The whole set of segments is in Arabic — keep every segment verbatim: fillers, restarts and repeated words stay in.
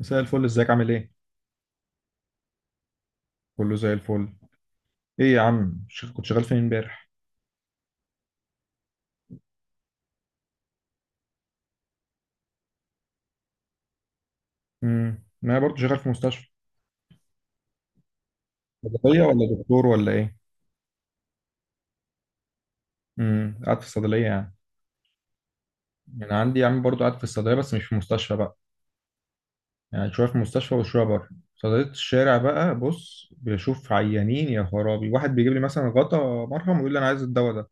مساء الفل، ازيك؟ عامل ايه؟ كله زي الفل. ايه يا عم، ش- كنت شغال فين امبارح؟ امم ما انا برضه شغال في مستشفى. صيدلية ولا دكتور ولا ايه؟ امم قاعد في الصيدلية يعني. انا عندي يا عم برضه قاعد في الصيدلية بس مش في مستشفى بقى. يعني شوية في مستشفى وشوية بره. صيدلية الشارع بقى، بص بشوف عيانين. يا خرابي، واحد بيجيب لي مثلا غطا مرهم ويقول لي انا عايز الدواء ده.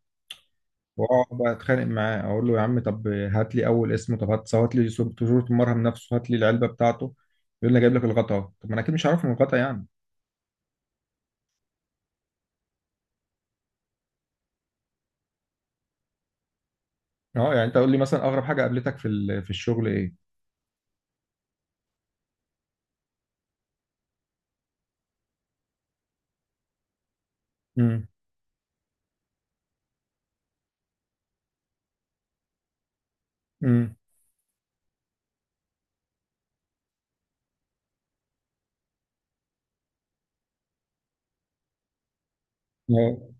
واقعد بقى اتخانق معاه، اقول له يا عم طب هات لي اول اسمه، طب هات هات لي صورة صورة المرهم نفسه، هات لي العلبة بتاعته. يقول لي أنا جايب لك الغطا. طب ما انا اكيد مش عارف من الغطا يعني. اه يعني انت قول لي مثلا اغرب حاجه قابلتك في ال- في الشغل ايه؟ امم. امم. اه.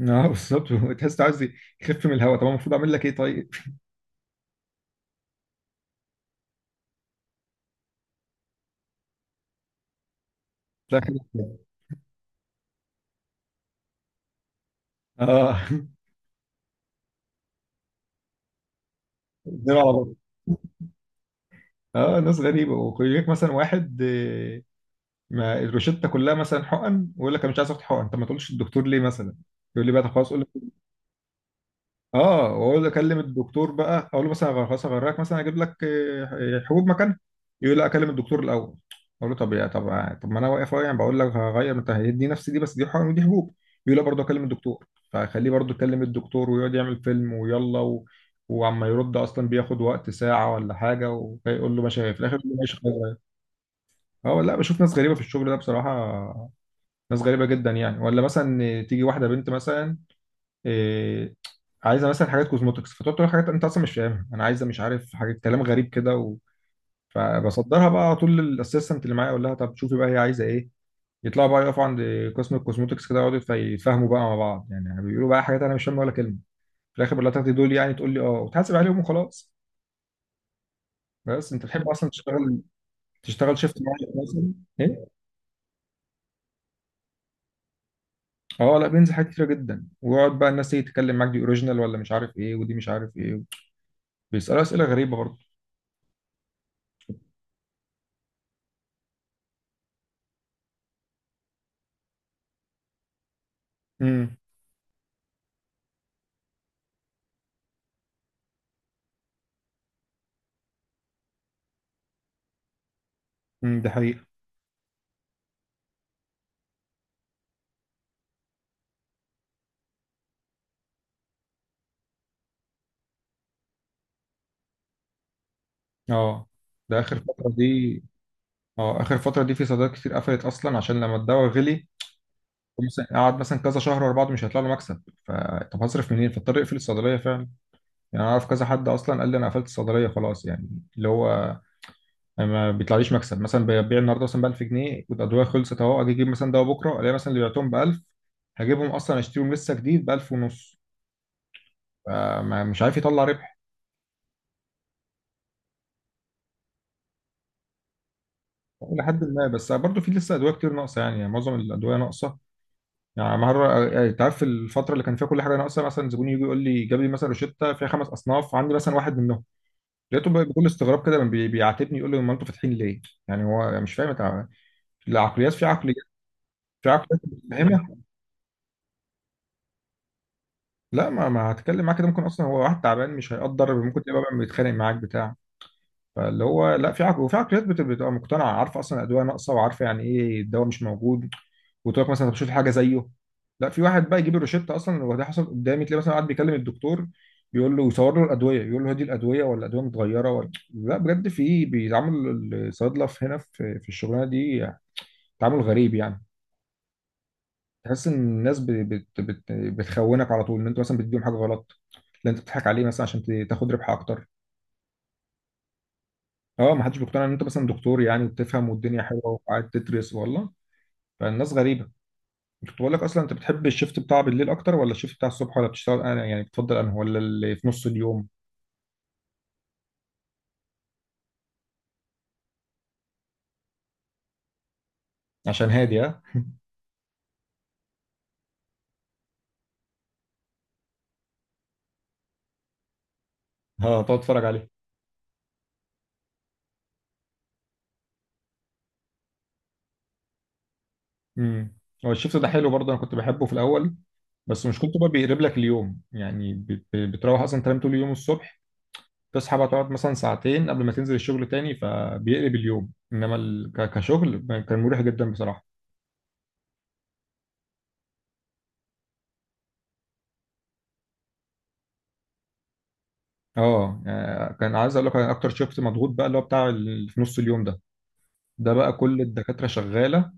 اه بالظبط. تحس عايز يخف من الهواء. طب أنا المفروض اعمل لك ايه طيب؟ لا خلاص. اه. اتنين على بعض. اه ناس غريبه، ويجيك مثلا واحد آه، ما الروشته كلها مثلا حقن ويقول لك انا مش عايز اخد حقن. طب ما تقولش الدكتور ليه مثلا؟ يقول لي بقى طب خلاص قول. اه، واقول له اكلم الدكتور بقى، اقول له مثلا هغ- خلاص هغرقك مثلا، اجيب لك آه، حبوب مكانها. يقول لا، اكلم الدكتور الاول. اقول له طب يا طب، طب ما انا واقف اهو يعني، بقول لك هغير انت، هيدي نفس دي بس دي حقن ودي حبوب. يقول لا برضه اكلم الدكتور، فخليه برضه يكلم الدكتور ويقعد يعمل فيلم ويلا و... وعما يرد اصلا، بياخد وقت ساعه ولا حاجه، ويقول له ماشي، في الاخر يقول له ماشي خلاص غير. اه لا، بشوف ناس غريبه في الشغل ده بصراحه. ناس غريبه جدا يعني. ولا مثلا تيجي واحده بنت مثلا، إيه، عايزه مثلا حاجات كوزموتكس، فتقعد تقول حاجات انت اصلا مش فاهمها. انا عايزه مش عارف حاجه، كلام غريب كده و... فبصدرها بقى على طول للاسيستنت اللي معايا، اقول لها طب شوفي بقى هي عايزه ايه. يطلعوا بقى يقفوا عند قسم الكوزموتكس كده، يقعدوا يتف- يتفاهموا بقى مع بعض يعني، بيقولوا بقى حاجات انا مش فاهمها ولا كلمه. في الاخر بقول لها تاخدي دول يعني، تقول لي اه وتحاسب عليهم وخلاص. بس انت تحب اصلا تشتغل، تشتغل شيفت معين مثلا؟ ايه. اه لا، بينزل حاجات كتيره جدا، ويقعد بقى الناس تيجي تتكلم معاك، دي اوريجينال ولا مش عارف ايه، ودي مش عارف ايه. بيسالوا اسئله غريبه برضه. امم. امم ده حقيقي. اه. ده اخر فتره دي. اه، اخر فتره دي في صيدليات كتير قفلت اصلا، عشان لما الدواء غلي مثلا، قعد مثلا كذا شهر ورا بعض مش هيطلع له مكسب، فطب هصرف منين؟ فاضطر اقفل الصيدليه فعلا. يعني انا اعرف كذا حد اصلا قال لي انا قفلت الصيدليه خلاص يعني. اللي هو، أنا ما بيطلعليش مكسب، مثلا ببيع النهارده مثلا ب ألف جنيه والادويه خلصت اهو، اجي اجيب مثلا دواء بكره الاقي مثلا اللي بعتهم ب ألف، هجيبهم اصلا اشتريهم لسه جديد ب ألف ونص. فمش عارف يطلع ربح. الى حد ما، بس برضه في لسه ادويه كتير ناقصه يعني، يعني معظم الادويه ناقصه. يعني مرة، يعني انت عارف الفترة اللي كان فيها كل حاجة ناقصة، مثلا زبون يجي يقول لي جاب لي مثلا روشتة فيها خمس أصناف، عندي مثلا واحد منهم. لقيته بقى بكل استغراب كده بي- بيعاتبني، يقول لي هم انتوا فاتحين ليه؟ يعني هو مش فاهم انت. العقليات، في عقليات، في عقليات مش فاهمها. لا، ما ما هتكلم معاك كده، ممكن أصلا هو واحد تعبان مش هيقدر، ممكن تبقى بقى بيتخانق معاك بتاع. فاللي هو لا، في عقل وفي عقليات بت- بتبقى مقتنعة، عارفة أصلا الأدوية ناقصة، وعارفة يعني إيه الدواء مش موجود، وتروح مثلا طب شوف حاجه زيه. لا في واحد بقى يجيب الروشته اصلا، وده حصل قدامي، تلاقي مثلا قاعد بيكلم الدكتور، بيقول له يصور له الادويه، يقول له هدي الادويه ولا الادويه متغيره ولا لا. بجد في بيتعامل الصيدله في هنا في في الشغلانه دي تعامل غريب يعني. تحس ان الناس بت بت بت بتخونك على طول، ان انت مثلا بتديهم حاجه غلط، لا انت بتضحك عليه مثلا عشان ت- تاخد ربح اكتر. اه، ما حدش بيقتنع ان انت مثلا دكتور يعني وبتفهم والدنيا حلوه وقاعد تدرس، والله. فالناس غريبه. كنت بقول لك اصلا، انت بتحب الشيفت بتاع بالليل اكتر ولا الشيفت بتاع الصبح، ولا بتشتغل انا يعني بتفضل انهي، ولا اللي في نص اليوم؟ عشان هادي ها. ها تقعد تتفرج عليه. امم. هو الشيفت ده حلو برضه، انا كنت بحبه في الاول. بس مشكلته بقى بيقلب لك اليوم يعني، بت- بتروح اصلا تنام طول اليوم الصبح، تصحى بقى تقعد مثلا ساعتين قبل ما تنزل الشغل تاني، فبيقلب اليوم. انما ال... ك- كشغل كان مريح جدا بصراحه. اه يعني كان عايز اقول لك، أنا اكتر شيفت مضغوط بقى اللي هو بتاع ال- في نص اليوم ده. ده بقى كل الدكاتره شغاله،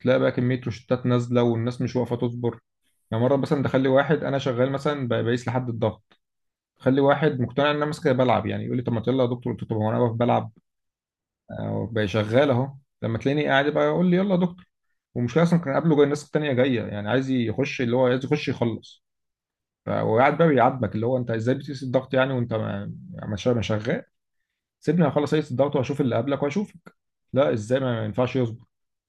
تلاقي بقى كمية روشتات نازلة، والناس مش واقفة تصبر يعني. مرة مثلا تخلي واحد، أنا شغال مثلا ب- بقيس لحد الضغط، خلي واحد مقتنع إن أنا ماسك بلعب يعني، يقول لي طب ما يلا يا دكتور. قلت له طب هو أنا واقف بلعب؟ أهو بقى شغال أهو. لما تلاقيني قاعد بقى يقول لي يلا يا دكتور. ومشكلة أصلا كان قبله جاي، الناس التانية جاية يعني، عايز يخش، اللي هو عايز يخش يخلص. ف- وقاعد بقى بيعاتبك اللي هو أنت إزاي بتقيس الضغط يعني وأنت ما ما شا- ما شغال. سيبني أخلص أقيس الضغط وأشوف اللي قبلك وأشوفك. لا إزاي، ما ما ينفعش يصبر.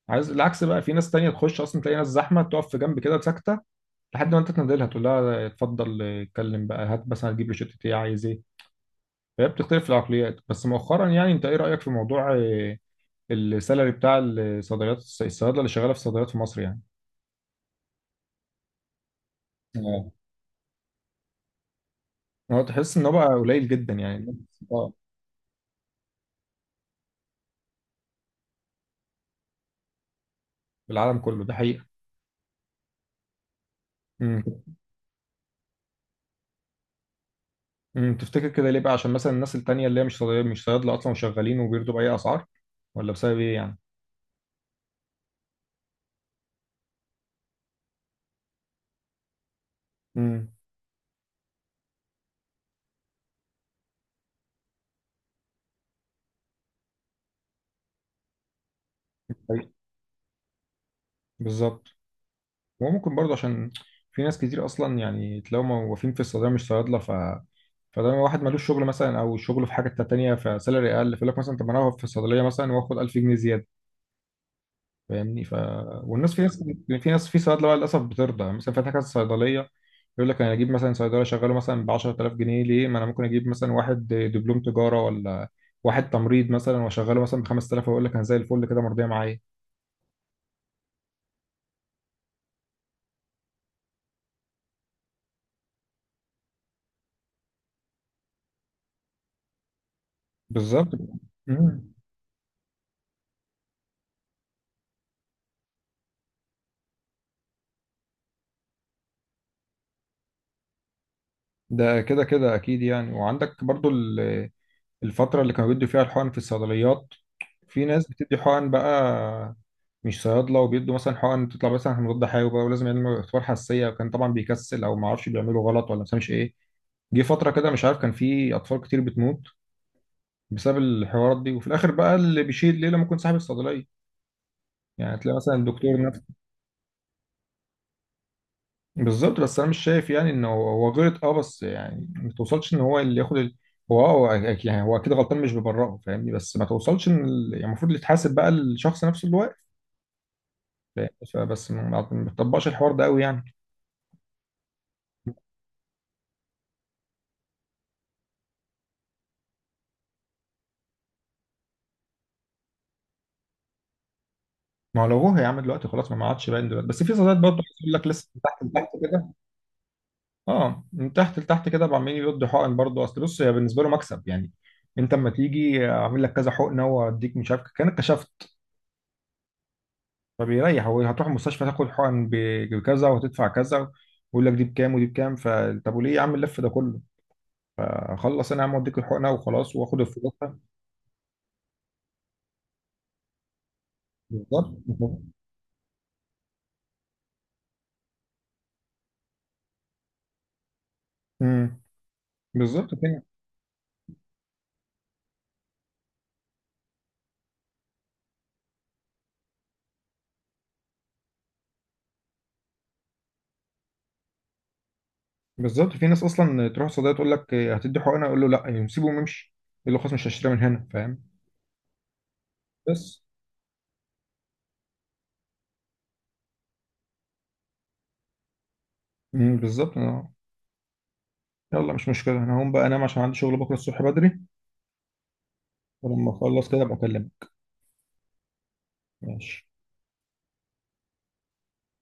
عايز العكس بقى، في ناس تانية تخش أصلا تلاقي ناس زحمة، تقف في جنب كده ساكتة لحد ما انت تنادلها تقول لها اتفضل اتكلم بقى، هات مثلا، هتجيب له شطة، ايه عايز ايه. فهي بتختلف العقليات. بس مؤخرا يعني، انت ايه رأيك في موضوع آه، السالري بتاع الصيدليات، الصيادله اللي شغاله في الصيدليات في مصر يعني؟ اه. هو تحس ان هو بقى قليل جدا يعني؟ آه. في العالم كله، ده حقيقة. امم. امم، تفتكر كده ليه بقى؟ عشان مثلا الناس التانية اللي هي مش صيدلية، مش صيادلة اصلا وشغالين وبيرضوا بأي اسعار، ولا بسبب ايه يعني؟ امم بالظبط. وممكن برضه عشان في ناس كتير اصلا يعني تلاقيهم موظفين في الصيدليه مش صيادله، ف فده واحد ملوش شغل مثلا او شغله في حاجه تانيه فسالري اقل، فيقول لك مثلا طب ما انا أقف في الصيدليه مثلا واخد ألف جنيه زياده، فاهمني؟ ف والناس، في ناس، يعني في ناس، في صيادله بقى للاسف بترضى يعني، مثلا فاتح كذا صيدليه يقول لك انا اجيب مثلا صيدلي اشغله مثلا ب عشرة آلاف جنيه ليه؟ ما انا ممكن اجيب مثلا واحد دبلوم تجاره ولا واحد تمريض مثلا واشغله مثلا ب خمسة آلاف ويقول لك انا زي الفل كده مرضيه معايا. بالظبط. مم. ده كده كده اكيد يعني. وعندك برضو ال- الفتره اللي كانوا بيدوا فيها الحقن في الصيدليات، في ناس بتدي حقن بقى مش صيادله، وبيدوا مثلا حقن تطلع مثلا مضاد حيوي بقى، ولازم يعملوا اختبار حساسيه وكان طبعا بيكسل او ما اعرفش، بيعملوا غلط ولا مش ايه. جه فتره كده مش عارف، كان في اطفال كتير بتموت بسبب الحوارات دي، وفي الاخر بقى اللي بيشيل الليله ممكن صاحب الصيدليه، يعني تلاقي مثلا الدكتور. بالظبط. بس انا مش شايف يعني انه هو غلط، اه بس يعني ما توصلش ان هو اللي ياخد ال... هو اه، هو أك- يعني هو اكيد غلطان، مش ببرئه فاهمني، بس ما توصلش ان ال... يعني المفروض اللي يتحاسب بقى الشخص نفسه اللي واقف، فاهم؟ ف- بس ما ما بتطبقش الحوار ده قوي يعني. ما هو لو هو يا عم دلوقتي خلاص ما ما عادش باين دلوقتي، بس في صيدليات برضه عايز اقول لك لسه من تحت لتحت كده. اه، من تحت لتحت كده بقى عمالين يردوا حقن برضه. اصل بص، هي بالنسبه له مكسب يعني. انت اما تيجي اعمل لك كذا حقنه واديك مش عارف كانك كشفت، فبيريح. وهتروح المستشفى تاخد حقن ب- بكذا وهتدفع كذا، ويقول لك دي بكام ودي بكام ف طب وليه يا عم اللف ده كله؟ اخلص انا يا عم واديك الحقنه وخلاص، واخد الفلوس. بالظبط. امم بالظبط. في بالظبط، في ناس اصلا تروح الصيدليه تقول لك إيه، هتدي حقنه؟ يقول له لا يعني، سيبه ويمشي، يقول له خلاص مش هشتريها من هنا، فاهم؟ بس. امم بالظبط. أنا- يلا مش مشكله، انا هقوم بقى انام عشان عندي شغل بكره الصبح بدري. ولما اخلص كده ابقى اكلمك. ماشي.